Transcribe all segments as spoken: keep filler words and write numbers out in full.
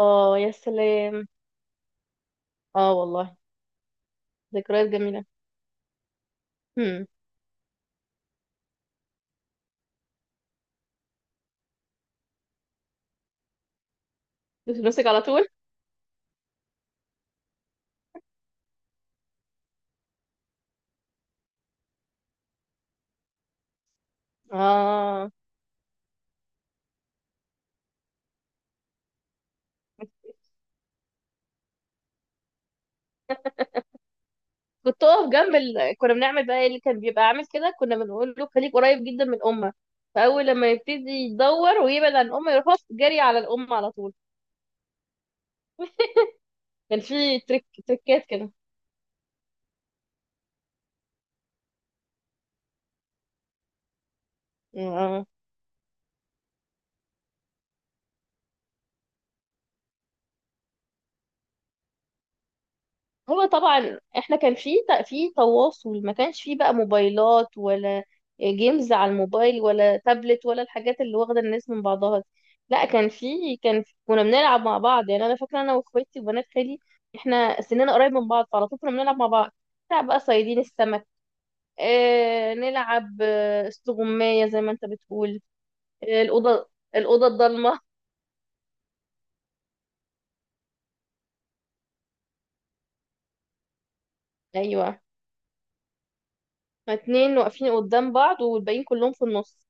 اه، يا سلام. اه والله. ذكريات جميلة. هم. نفسك على طول. اه، كنت اقف جنب. ال... كنا بنعمل بقى إيه اللي كان بيبقى عامل كده، كنا بنقول له خليك قريب جدا من امه. فاول لما يبتدي يدور ويبعد عن امه، يروح هوب جري على الام على طول. كان في تريك تريكات كده. آه. هو طبعا احنا كان في في تواصل، ما كانش في بقى موبايلات ولا جيمز على الموبايل ولا تابلت ولا الحاجات اللي واخده الناس من بعضها دي. لا، كان في كان في كنا بنلعب مع بعض، يعني انا فاكره انا واخواتي وبنات خالي احنا سننا قريب من بعض، فعلى طول كنا بنلعب مع بعض. نلعب بقى صيادين السمك. اه، نلعب آه، استغمايه زي ما انت بتقول. آه، الاوضه الاوضه الضلمه. ايوه، اتنين واقفين قدام بعض والباقيين كلهم في النص،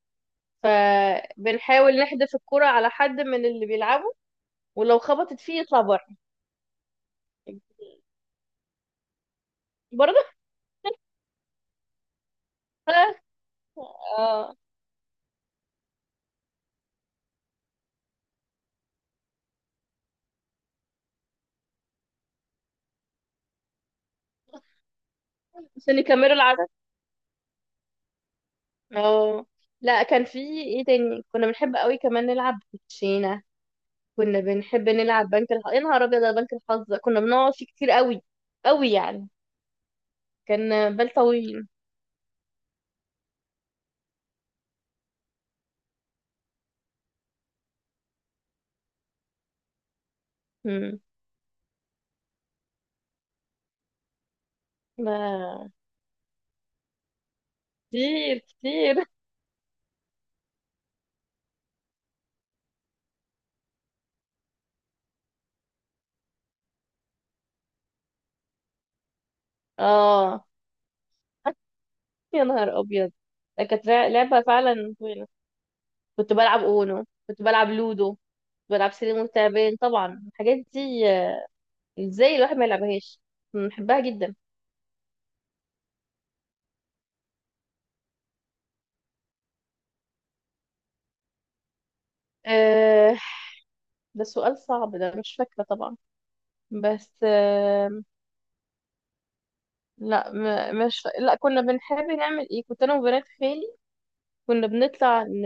فبنحاول نحدف الكرة على حد من اللي بيلعبوا، ولو خبطت فيه يطلع بره. برضه. اه، عشان يكملوا العدد. اه. لا، كان في ايه تاني، كنا بنحب قوي كمان نلعب كوتشينة. كنا بنحب نلعب بنك الحظ، يا نهار ابيض على بنك الحظ ده، كنا بنقعد فيه كتير قوي قوي يعني. كان بال طويل. مم. ما- كتير كتير. اه. يا نهار ابيض. ده كانت لعبة فعلا طويلة. كنت بلعب اونو، كنت بلعب لودو، بلعب سلم وتعبان. طبعا الحاجات دي، آه، ازاي الواحد ما يلعبهاش، بحبها جدا. أه، ده سؤال صعب، ده مش فاكرة طبعا. بس أه، لا، م- مش فا- لا، كنا بنحب نعمل ايه كنت انا وبنات خالي، كنا بنطلع ن...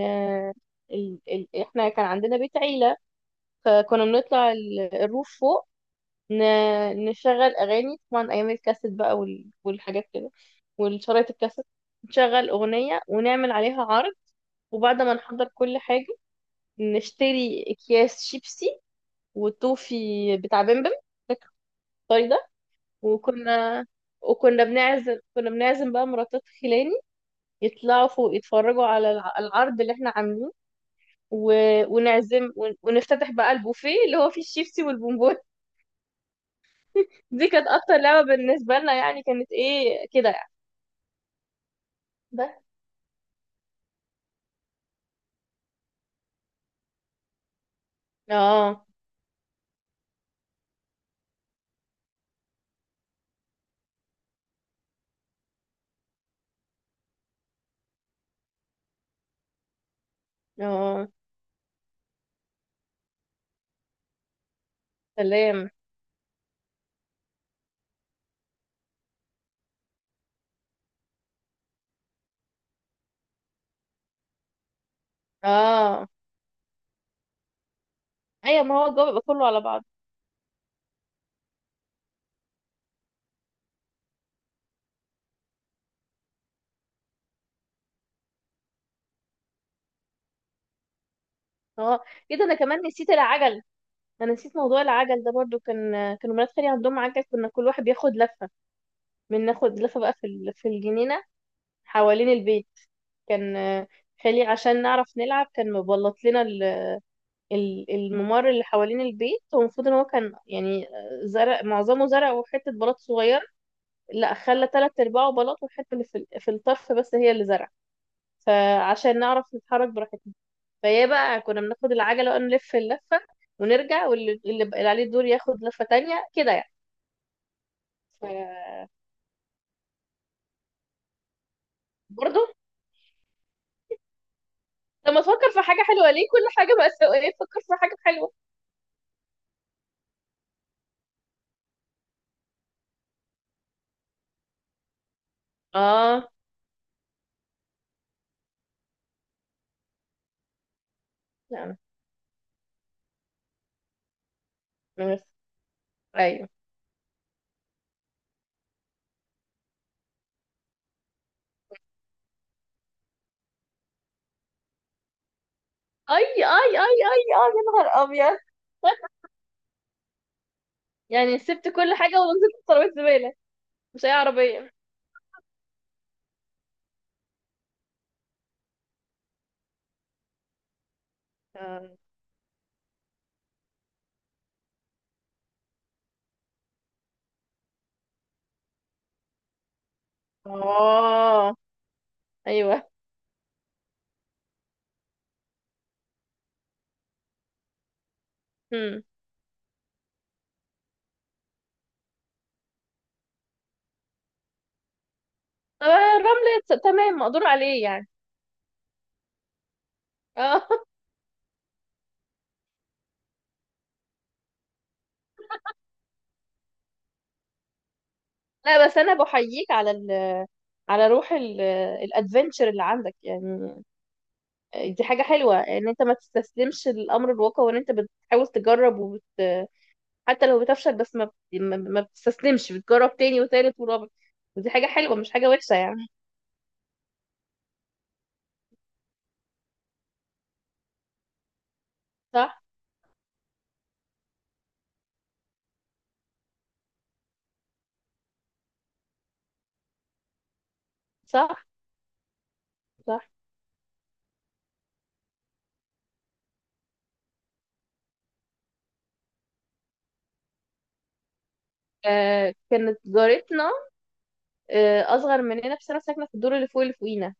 ال... ال... احنا كان عندنا بيت عيلة. فكنا بنطلع ال- الروف فوق. ن... نشغل اغاني طبعا ايام الكاسيت بقى وال... والحاجات كده، والشرايط الكاسيت. نشغل اغنية ونعمل عليها عرض، وبعد ما نحضر كل حاجة نشتري اكياس شيبسي والتوفي بتاع بمبم. فاكر الطري ده؟ وكنا وكنا بنعزم، كنا بنعزم بقى مراتات خلاني يطلعوا فوق يتفرجوا على الع- العرض اللي احنا عاملينه. و... ونعزم، ون- ونفتتح بقى البوفيه اللي هو فيه الشيبسي والبونبون. دي كانت اكتر لعبة بالنسبة لنا يعني، كانت ايه كده يعني. بس. اه. اه، سلام. اه. ايوه، ما هو الجو بيبقى كله على بعض. اه، ايه ده، انا كمان نسيت العجل. انا نسيت موضوع العجل ده برضو. كان كانوا مرات خالي عندهم عجل، كنا كل واحد بياخد لفه. من ناخد لفه بقى في ال- في الجنينه حوالين البيت. كان آه، خالي عشان نعرف نلعب كان مبلط لنا ال- ال- الممر اللي حوالين البيت، والمفروض ان هو كان يعني آه، زرع، معظمه زرع وحته بلاط صغير. لا، خلى تلات ارباعه بلاط والحته اللي في ال- في الطرف بس هي اللي زرع، فعشان نعرف نتحرك براحتنا فيا بقى، كنا بناخد العجله ونلف اللفه ونرجع، واللي اللي بقى عليه الدور ياخد لفه تانية كده يعني. برضه. لما تفكر في حاجة حلوة، ليه كل حاجة مأساوية تفكر في حاجة حلوة؟ اه. لا. أنا- بس- ايوه. اي، اي، اي، اي، اي، يا نهار ابيض، يعني سبت كل حاجة ونزلت في ترابيزة زبالة؟ مش أي عربية. اه. آه. ايوه. امم. طب الرمل ت- تمام مقدور عليه يعني. اه. لا، بس انا بحييك على ال، على روح ال الادفنتشر اللي عندك يعني. دي حاجة حلوة ان انت ما تستسلمش للامر الواقع، وان انت بتحاول تجرب وبت... حتى لو بتفشل بس ما, بت... ما ما بتستسلمش، بتجرب تاني وتالت ورابع، ودي حاجة حلوة مش حاجة وحشة يعني. صح. صح. صح. آه، كانت جارتنا. آه اصغر مننا بس انا ساكنة في الدور اللي فوق اللي فوقينا.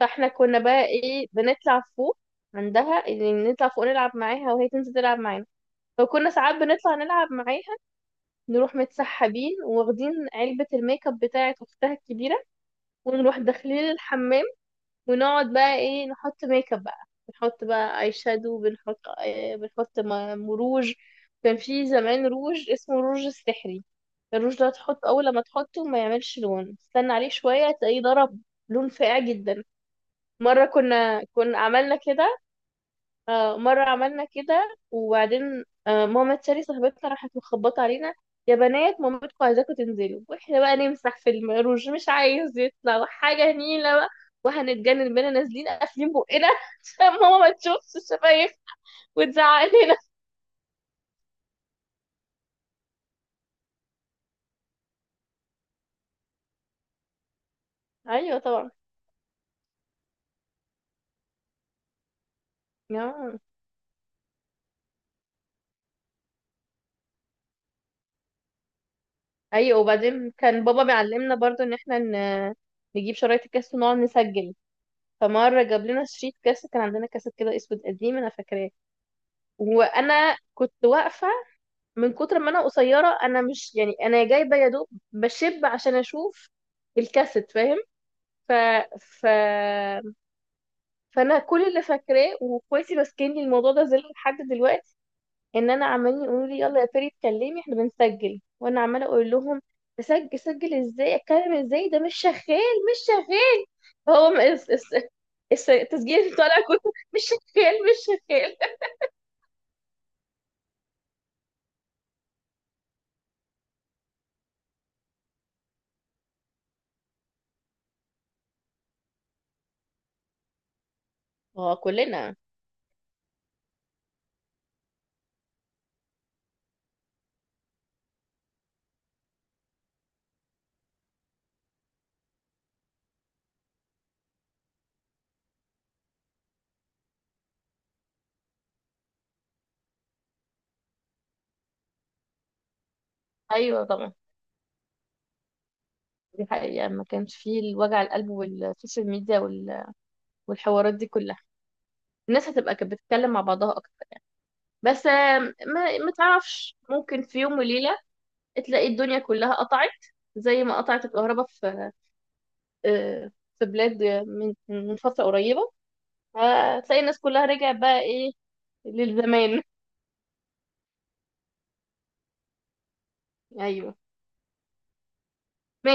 فاحنا كنا بقى ايه، بنطلع فوق عندها يعني، نطلع فوق نلعب معاها وهي تنزل تلعب معانا. فكنا ساعات بنطلع نلعب معاها، نروح متسحبين واخدين علبة الميك اب بتاعت اختها الكبيرة، ونروح داخلين الحمام، ونقعد بقى ايه نحط ميك اب بقى، بنحط بقى اي شادو، بنحط آه، بنحط م- م- روج. كان في زمان روج اسمه الروج السحري. الروج ده تحط، اول لما تحطه ما يعملش لون، استنى عليه شويه تلاقيه ضرب لون فاقع جدا. مره كنا كنا عملنا كده. آه، مرة عملنا كده، وبعدين آه، ماما تشاري صاحبتنا راحت مخبطة علينا: يا بنات، مامتكم عايزاكم تنزلوا، واحنا بقى نمسح في المروج مش عايز يطلع، وحاجة نيلة بقى، وهنتجنن بينا نازلين قافلين بقنا عشان ماما ما تشوفش الشفايف وتزعق لنا. ايوه طبعا. آه. ايوه، وبعدين كان بابا بيعلمنا برضو ان احنا ن... نجيب شرايط الكاس ونقعد نسجل. فمرة جاب لنا شريط كاس، كان عندنا كاسات كده اسود قديم انا فاكراه، وانا كنت واقفة من كتر ما انا قصيره، انا مش يعني انا جايبه يا دوب بشب عشان اشوف الكاسيت، فاهم؟ ف... ف... فانا كل اللي فاكراه واخواتي ماسكيني الموضوع ده زي لحد دلوقتي، ان انا عمالين يقولوا لي يلا يا فيري اتكلمي احنا بنسجل، وانا عماله اقول لهم اسجل سجل ازاي، اتكلم ازاي، ده مش شغال مش شغال. هو م- الس- الس- الس- التسجيل طالع كله مش شغال مش شغال. اه، كلنا. ايوه طبعا. دي حقيقة، ما كانش فيه الوجع القلب والسوشيال ميديا وال- والحوارات دي كلها. الناس هتبقى كانت بتتكلم مع بعضها أكتر. بس آه، ما ما تعرفش ممكن في يوم وليلة تلاقي الدنيا كلها قطعت، زي ما قطعت الكهرباء في آه، في بلاد من من فترة قريبة، هتلاقي الناس كلها رجعت بقى إيه، للزمان. أيوه